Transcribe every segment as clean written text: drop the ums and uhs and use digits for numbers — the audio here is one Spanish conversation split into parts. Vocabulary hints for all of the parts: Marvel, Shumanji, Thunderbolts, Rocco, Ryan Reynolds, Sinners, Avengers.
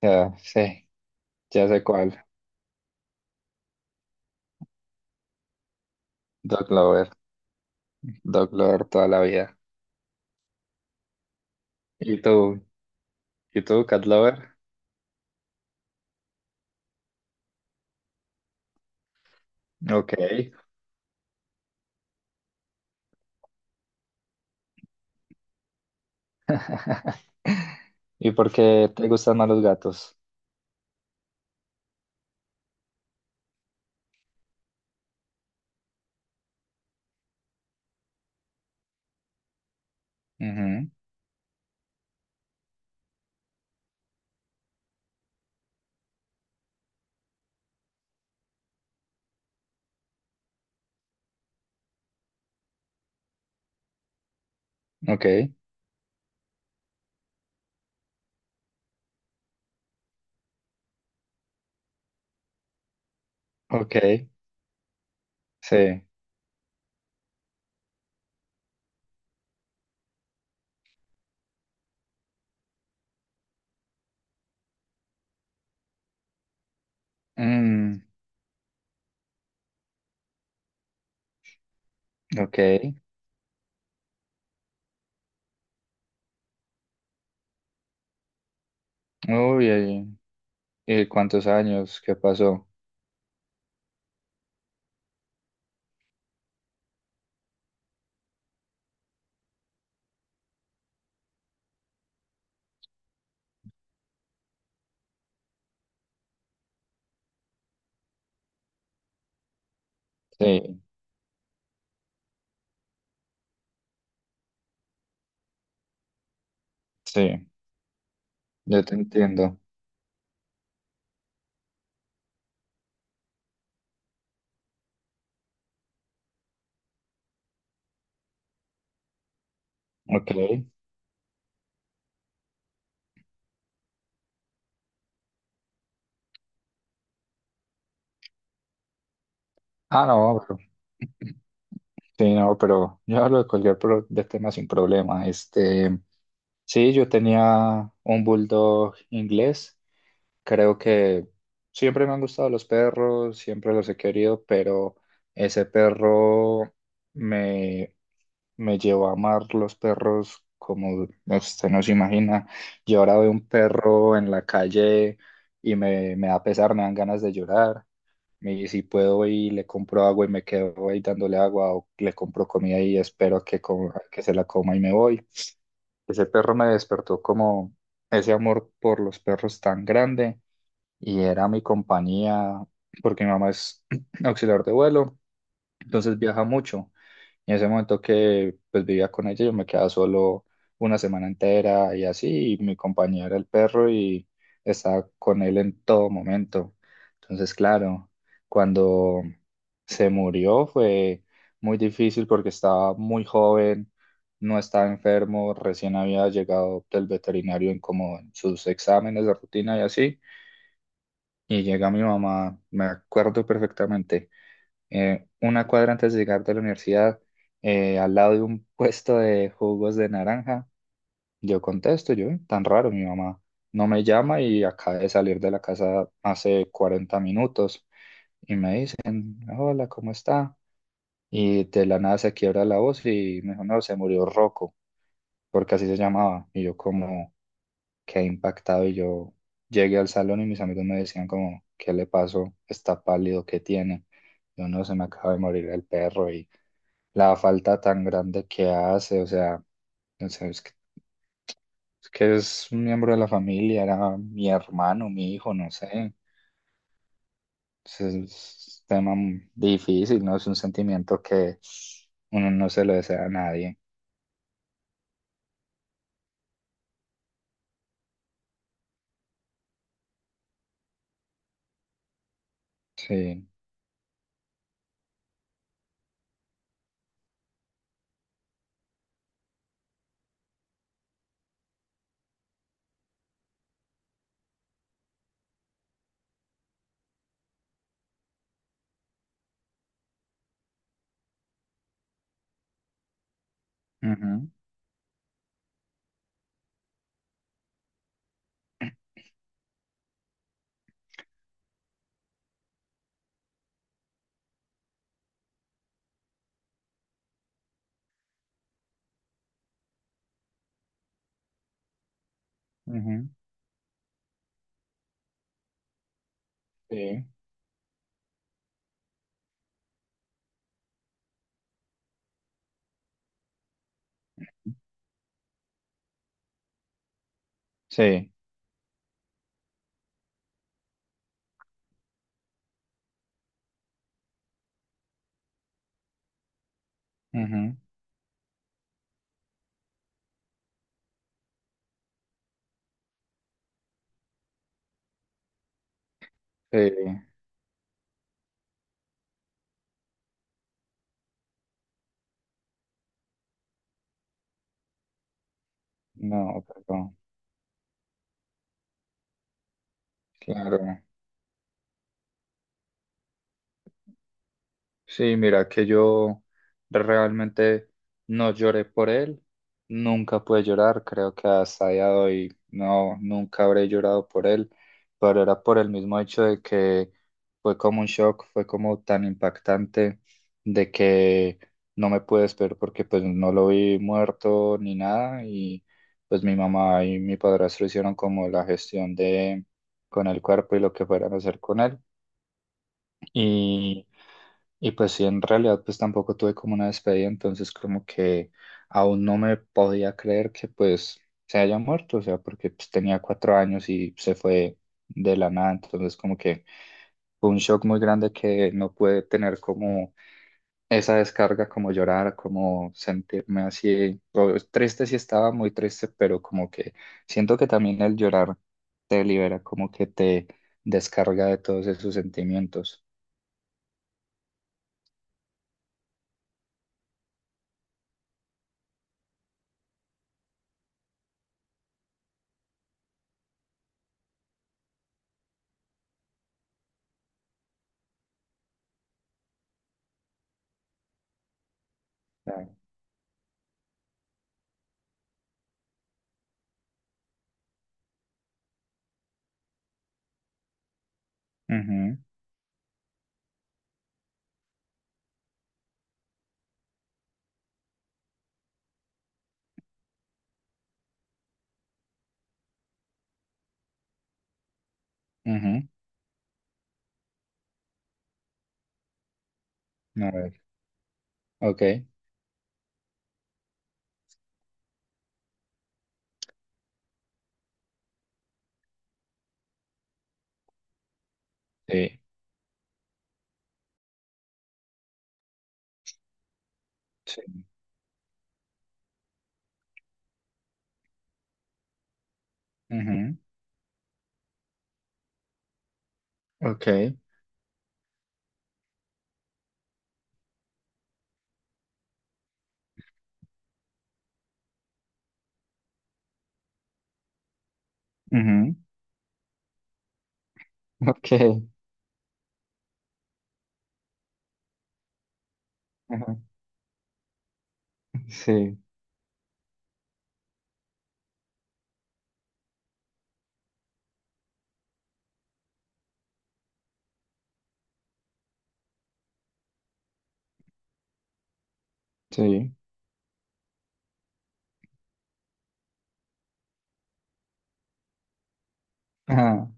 Ya, sí, ya sé cuál. Dog Lover, Dog Lover toda la vida. ¿Y tú? ¿Y tú, Cat Lover? Ok. ¿Y por qué te gustan más los gatos? Ujú, ok, ok, sí. Mm, ok. Uy, ¿y cuántos años? ¿Qué pasó? Sí, sí, yo te entiendo. Ok. Ah, no, pero, sí, no, pero yo hablo de cualquier de tema sin problema. Este, sí, yo tenía un bulldog inglés. Creo que siempre me han gustado los perros, siempre los he querido, pero ese perro me, me llevó a amar los perros como usted no se imagina. Yo ahora veo un perro en la calle y me da pesar, me dan ganas de llorar. Y si puedo y le compro agua y me quedo ahí dándole agua o le compro comida y espero que, que se la coma y me voy. Ese perro me despertó como ese amor por los perros tan grande y era mi compañía, porque mi mamá es auxiliar de vuelo, entonces viaja mucho. Y en ese momento que pues vivía con ella, yo me quedaba solo una semana entera y así, y mi compañía era el perro y estaba con él en todo momento. Entonces, claro, cuando se murió fue muy difícil porque estaba muy joven, no estaba enfermo, recién había llegado del veterinario en como en sus exámenes de rutina y así. Y llega mi mamá, me acuerdo perfectamente, una cuadra antes de llegar de la universidad, al lado de un puesto de jugos de naranja. Yo contesto, yo, tan raro, mi mamá no me llama y acaba de salir de la casa hace 40 minutos". Y me dicen, "Hola, ¿cómo está?". Y de la nada se quiebra la voz y me dijo, "No, se murió Rocco", porque así se llamaba. Y yo, como, quedé impactado y yo llegué al salón y mis amigos me decían como, "¿Qué le pasó? Está pálido, ¿qué tiene?". Yo, "No, se me acaba de morir el perro", y la falta tan grande que hace, o sea, no sé, es que es un miembro de la familia, era mi hermano, mi hijo, no sé. Es un tema difícil, ¿no? Es un sentimiento que uno no se lo desea a nadie. Sí. Ujú, ujú. Sí. Sí. Ujú. Sí. No, pero claro. Sí, mira que yo realmente no lloré por él, nunca pude llorar, creo que hasta día de hoy no, nunca habré llorado por él, pero era por el mismo hecho de que fue como un shock, fue como tan impactante de que no me pude esperar porque pues no lo vi muerto ni nada, y pues mi mamá y mi padrastro hicieron como la gestión de con el cuerpo y lo que fueran a hacer con él, y y pues sí, en realidad pues tampoco tuve como una despedida, entonces como que aún no me podía creer que pues se haya muerto, o sea, porque pues tenía 4 años y se fue de la nada, entonces como que fue un shock muy grande que no pude tener como esa descarga, como llorar, como sentirme así, triste sí estaba, muy triste, pero como que siento que también el llorar te libera, como que te descarga de todos esos sentimientos. Claro. Ujú, ujú. A ver, ok, sí, sí, ujú, ok, ujú, ok, ajá, sí, sí, ajá,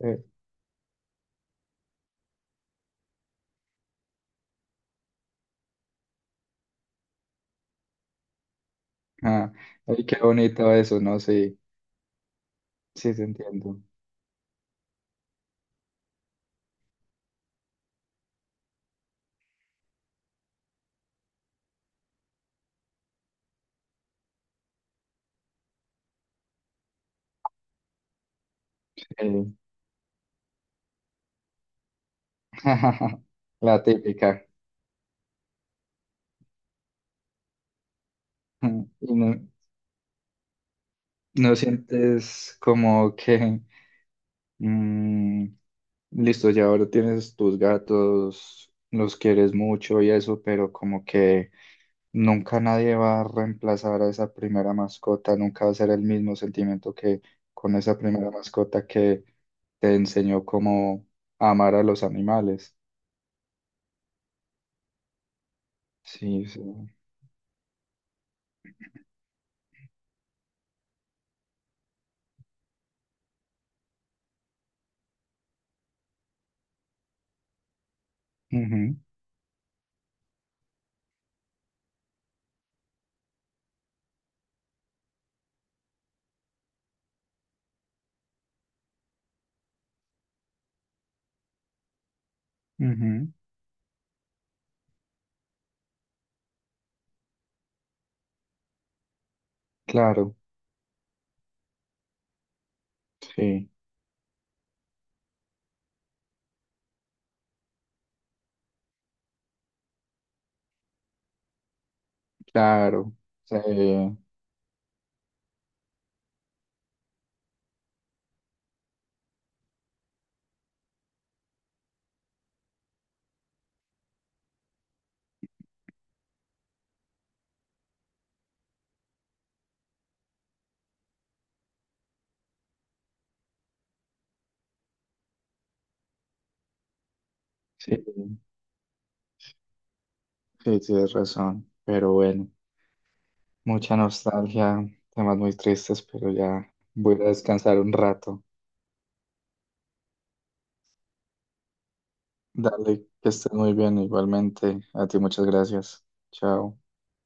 eh, ajá, ay, qué bonito eso, ¿no? Sí, sí, te entiendo, sí, la típica, ujú. Y no, no sientes como que, mm, listo, ya ahora tienes tus gatos, los quieres mucho y eso, pero como que nunca nadie va a reemplazar a esa primera mascota, nunca va a ser el mismo sentimiento que con esa primera mascota que te enseñó cómo amar a los animales. Sí, sí. Ujú, ujú. Claro, sí, claro. Sí, sí, sí, tienes razón. Pero bueno, mucha nostalgia, temas muy tristes, pero ya voy a descansar un rato. Dale, que estés muy bien igualmente. A ti muchas gracias. Chao.